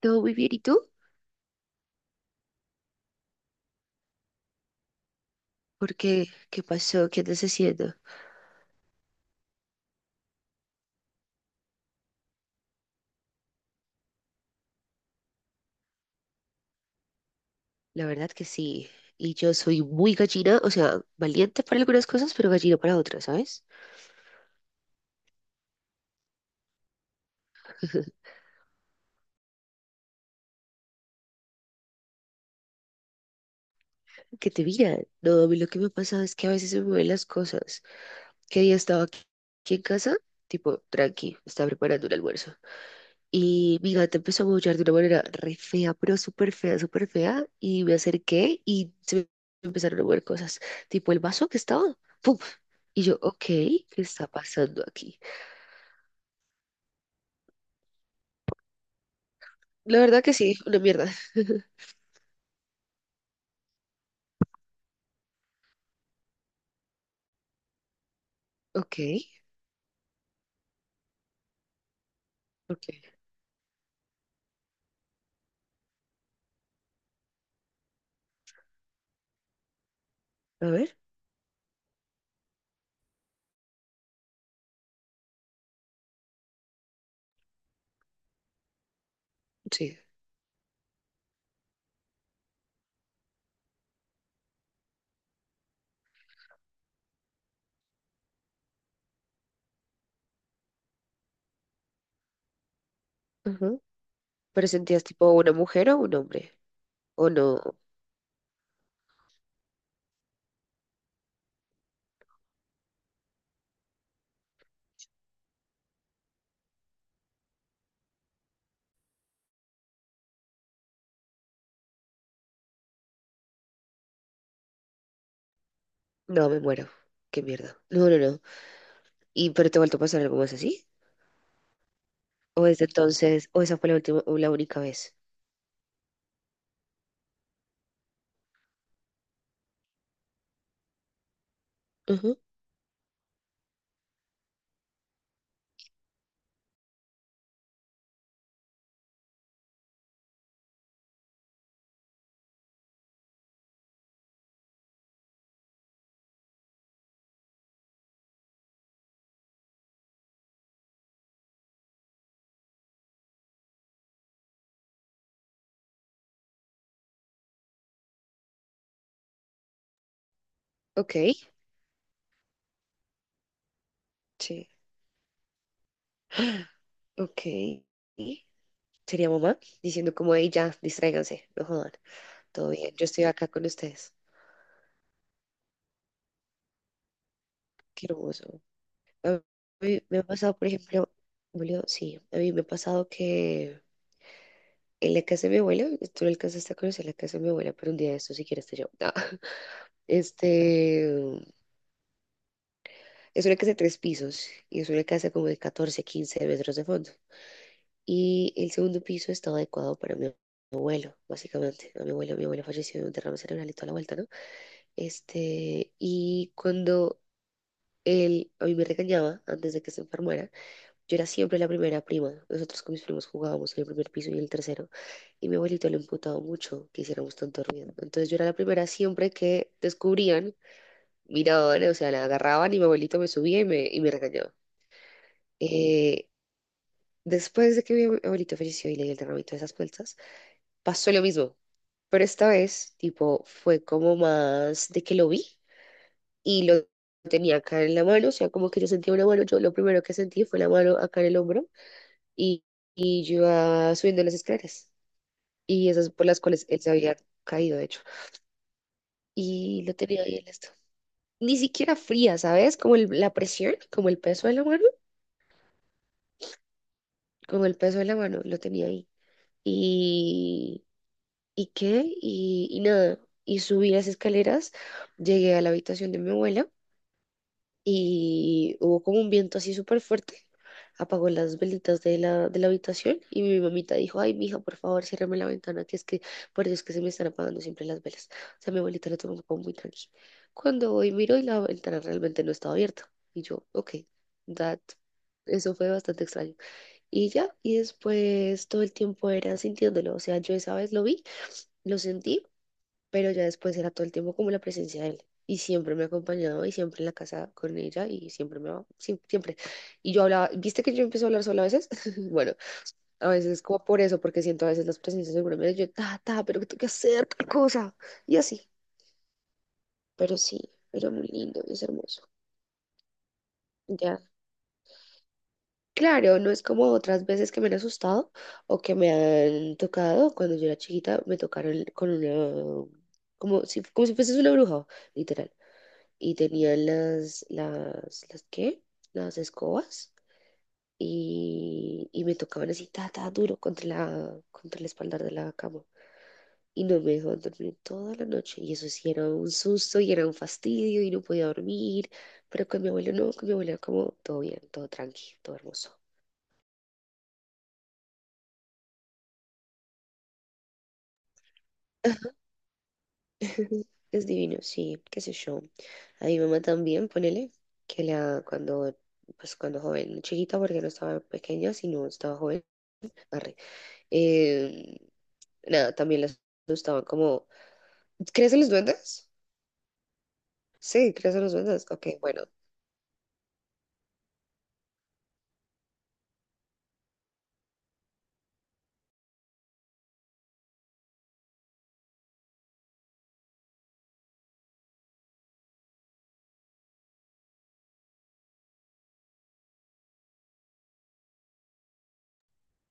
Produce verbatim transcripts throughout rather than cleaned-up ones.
Todo muy bien, ¿y tú? ¿Por qué? ¿Qué pasó? ¿Qué andas haciendo? La verdad que sí. Y yo soy muy gallina, o sea, valiente para algunas cosas, pero gallina para otras, ¿sabes? Que te miran. No, a mí lo que me pasa es que a veces se me mueven las cosas. ¿Qué día estaba aquí, aquí en casa? Tipo, tranqui, estaba preparando un almuerzo. Y mi gata empezó a maullar de una manera re fea, pero súper fea, súper fea. Y me acerqué y se me empezaron a mover cosas. Tipo, el vaso que estaba, ¡pum! Y yo, ok, ¿qué está pasando aquí? La verdad que sí, una mierda. Ok, ok. A ver, sí. Ajá. ¿Pero sentías tipo una mujer o un hombre? ¿O no? No, me muero. Qué mierda. No, no, no. ¿Y pero te ha vuelto a pasar algo más así? ¿O desde entonces, o esa fue la última, o la única vez? Ajá. Ok, sí. Ok. Sería mamá diciendo como, hey, ya, distráiganse, no jodan. Todo bien, yo estoy acá con ustedes. Qué hermoso. A mí me ha pasado, por ejemplo, Julio, sí, a mí me ha pasado que en la casa de mi abuela, tú no alcanzaste a conocer la casa de mi abuela, pero un día de esto si quieres te llevo. No. Este, es una casa de tres pisos y es una casa como de catorce, quince metros de fondo. Y el segundo piso estaba adecuado para mi abuelo, básicamente. A mi abuelo, mi abuelo falleció de un derrame cerebral y toda la vuelta, ¿no? Este, y cuando él a mí me regañaba antes de que se enfermara, yo era siempre la primera prima. Nosotros con mis primos jugábamos en el primer piso y en el tercero. Y mi abuelito le imputaba mucho que hiciéramos tanto ruido. Entonces yo era la primera siempre que descubrían, miraban, o sea, la agarraban y mi abuelito me subía y me, y me regañaba. Eh, Después de que mi abuelito falleció y le dio el derramito de esas puertas, pasó lo mismo. Pero esta vez, tipo, fue como más de que lo vi y lo tenía acá en la mano. O sea, como que yo sentía una mano. Yo lo primero que sentí fue la mano acá en el hombro y, y yo iba subiendo las escaleras y esas por las cuales él se había caído, de hecho, y lo tenía ahí en esto. Ni siquiera fría, ¿sabes? Como el- la presión, como el peso de la mano, como el peso de la mano, lo tenía ahí. ¿Y, y qué? Y, y nada, y subí las escaleras, llegué a la habitación de mi abuela y hubo como un viento así súper fuerte. Apagó las velitas de la, de la habitación y mi mamita dijo, ay, mija, por favor, ciérrame la ventana, que es que por Dios que se me están apagando siempre las velas. O sea, mi abuelita lo tomó como muy tranqui. Cuando hoy miro y la ventana realmente no estaba abierta. Y yo, ok, that, eso fue bastante extraño. Y ya, y después todo el tiempo era sintiéndolo, o sea, yo esa vez lo vi, lo sentí, pero ya después era todo el tiempo como la presencia de él. Y siempre me ha acompañado y siempre en la casa con ella y siempre me va, sí, siempre. Y yo hablaba, ¿viste que yo empecé a hablar sola a veces? Bueno, a veces como por eso, porque siento a veces las presencias seguramente yo, ta, ta, pero que tengo que hacer tal cosa. Y así. Pero sí, era muy lindo y es hermoso. Ya. Claro, no es como otras veces que me han asustado o que me han tocado. Cuando yo era chiquita me tocaron con una, como si, como si fuese una bruja, literal, y tenía las, las, las, ¿qué? Las escobas y, y me tocaban así, ta, ta, duro contra la, contra el espaldar de la cama. Y no me dejaban dormir toda la noche. Y eso sí era un susto y era un fastidio y no podía dormir. Pero con mi abuelo no, con mi abuelo era como todo bien, todo tranqui, todo hermoso. Es divino, sí, qué sé yo. A mi mamá también, ponele, que la, cuando, pues cuando joven, chiquita, porque no estaba pequeña, sino estaba joven, arre, Eh, nada, también les gustaban como… ¿Crees en los duendes? Sí, ¿crees en los duendes? Ok, bueno.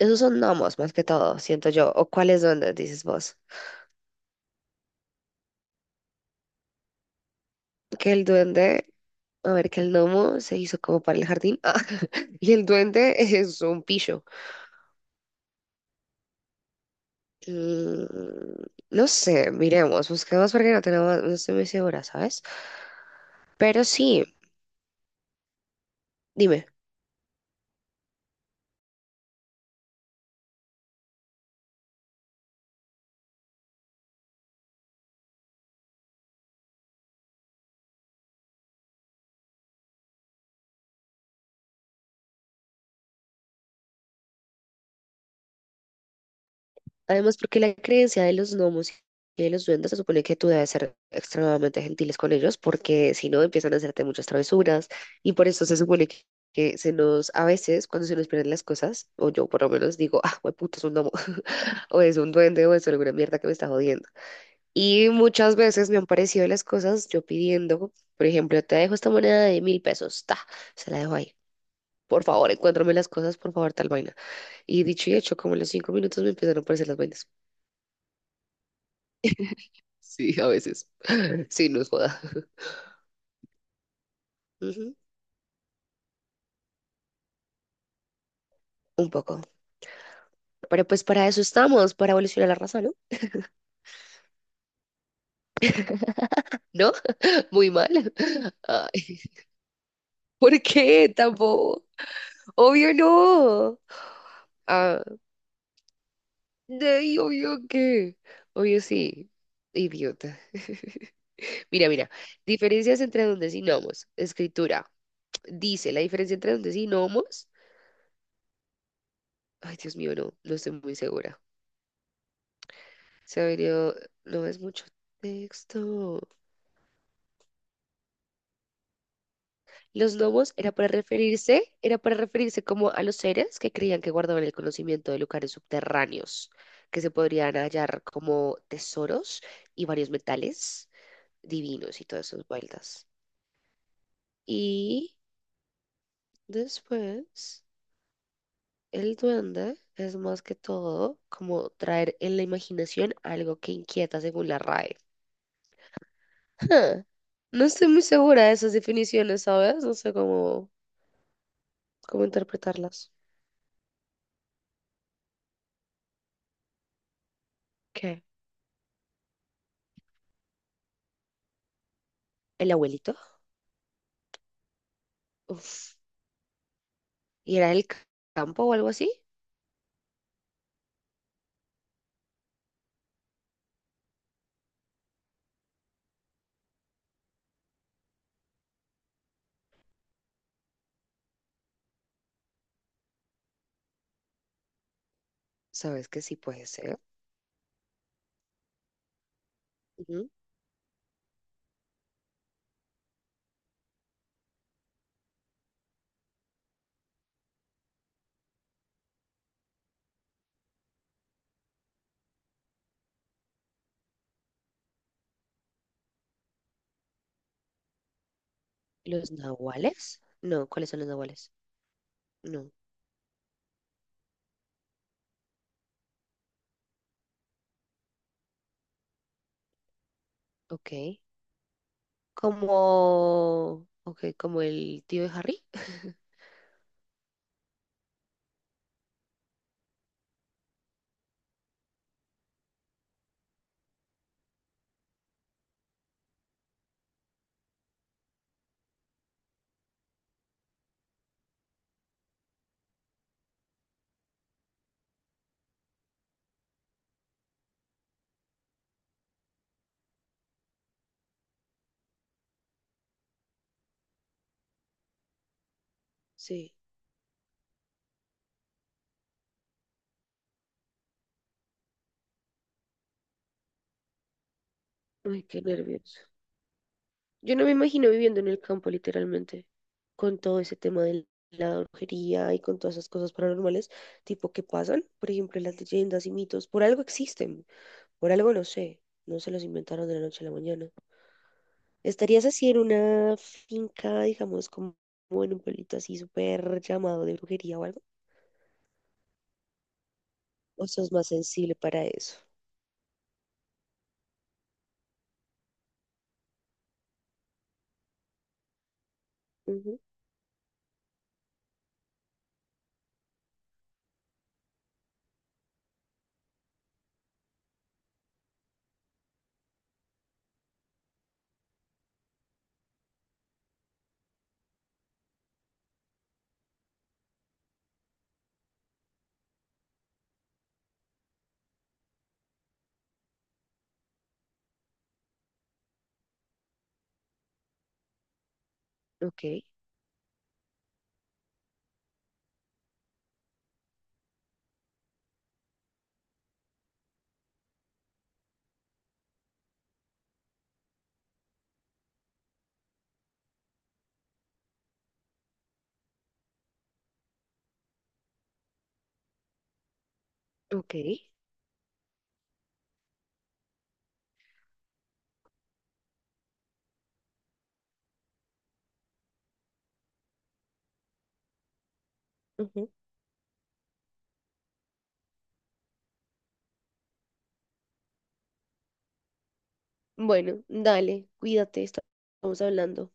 Esos son gnomos más que todo, siento yo. ¿O cuáles duendes, dices vos? Que el duende… A ver, que el gnomo se hizo como para el jardín. Ah, y el duende es un pillo. Mm, no sé, miremos, busquemos porque no tenemos… No estoy muy segura, ¿sabes? Pero sí, dime. Además, porque la creencia de los gnomos y de los duendes se supone que tú debes ser extremadamente gentiles con ellos, porque si no empiezan a hacerte muchas travesuras, y por eso se supone que, que se nos, a veces, cuando se nos pierden las cosas, o yo por lo menos digo, ah, puto, es un gnomo, o es un duende, o es alguna mierda que me está jodiendo. Y muchas veces me han parecido las cosas yo pidiendo, por ejemplo, te dejo esta moneda de mil pesos, ta, se la dejo ahí. Por favor, encuéntrame las cosas, por favor, tal vaina. Y dicho y hecho, como en los cinco minutos me empiezan a aparecer las vainas. Sí, a veces. Sí, nos joda. Ujú, un poco. Pero pues para eso estamos, para evolucionar la raza, ¿no? ¿No? Muy mal. Ay, ¿por qué tampoco? Obvio no. Ah, de ahí, obvio que. Obvio sí. Idiota. Mira, mira. Diferencias entre dondesinomos. Escritura. Dice la diferencia entre dondesinomos. Ay, Dios mío, no, no estoy muy segura. Se ha venido. No es mucho texto. Los gnomos era para referirse, era para referirse como a los seres que creían que guardaban el conocimiento de lugares subterráneos, que se podrían hallar como tesoros y varios metales divinos y todas esas vueltas. Y después, el duende es más que todo como traer en la imaginación algo que inquieta según la RAE. Huh. No estoy muy segura de esas definiciones, ¿sabes? No sé cómo, cómo interpretarlas. ¿Qué? ¿El abuelito? Uf. Y era el campo o algo así. ¿Sabes que sí puede ser? Ujú. ¿Los nahuales? No, ¿cuáles son los nahuales? No, ok. Como, ok, como el tío de Harry. Sí. Ay, qué nervioso. Yo no me imagino viviendo en el campo, literalmente, con todo ese tema de la brujería y con todas esas cosas paranormales, tipo que pasan, por ejemplo, las leyendas y mitos, por algo existen, por algo no sé, no se los inventaron de la noche a la mañana. ¿Estarías así en una finca, digamos, como, como en un pueblito así súper llamado de brujería o algo? ¿O sos más sensible para eso? Ujú. Ok, ok. Ujú. Bueno, dale, cuídate, estamos hablando.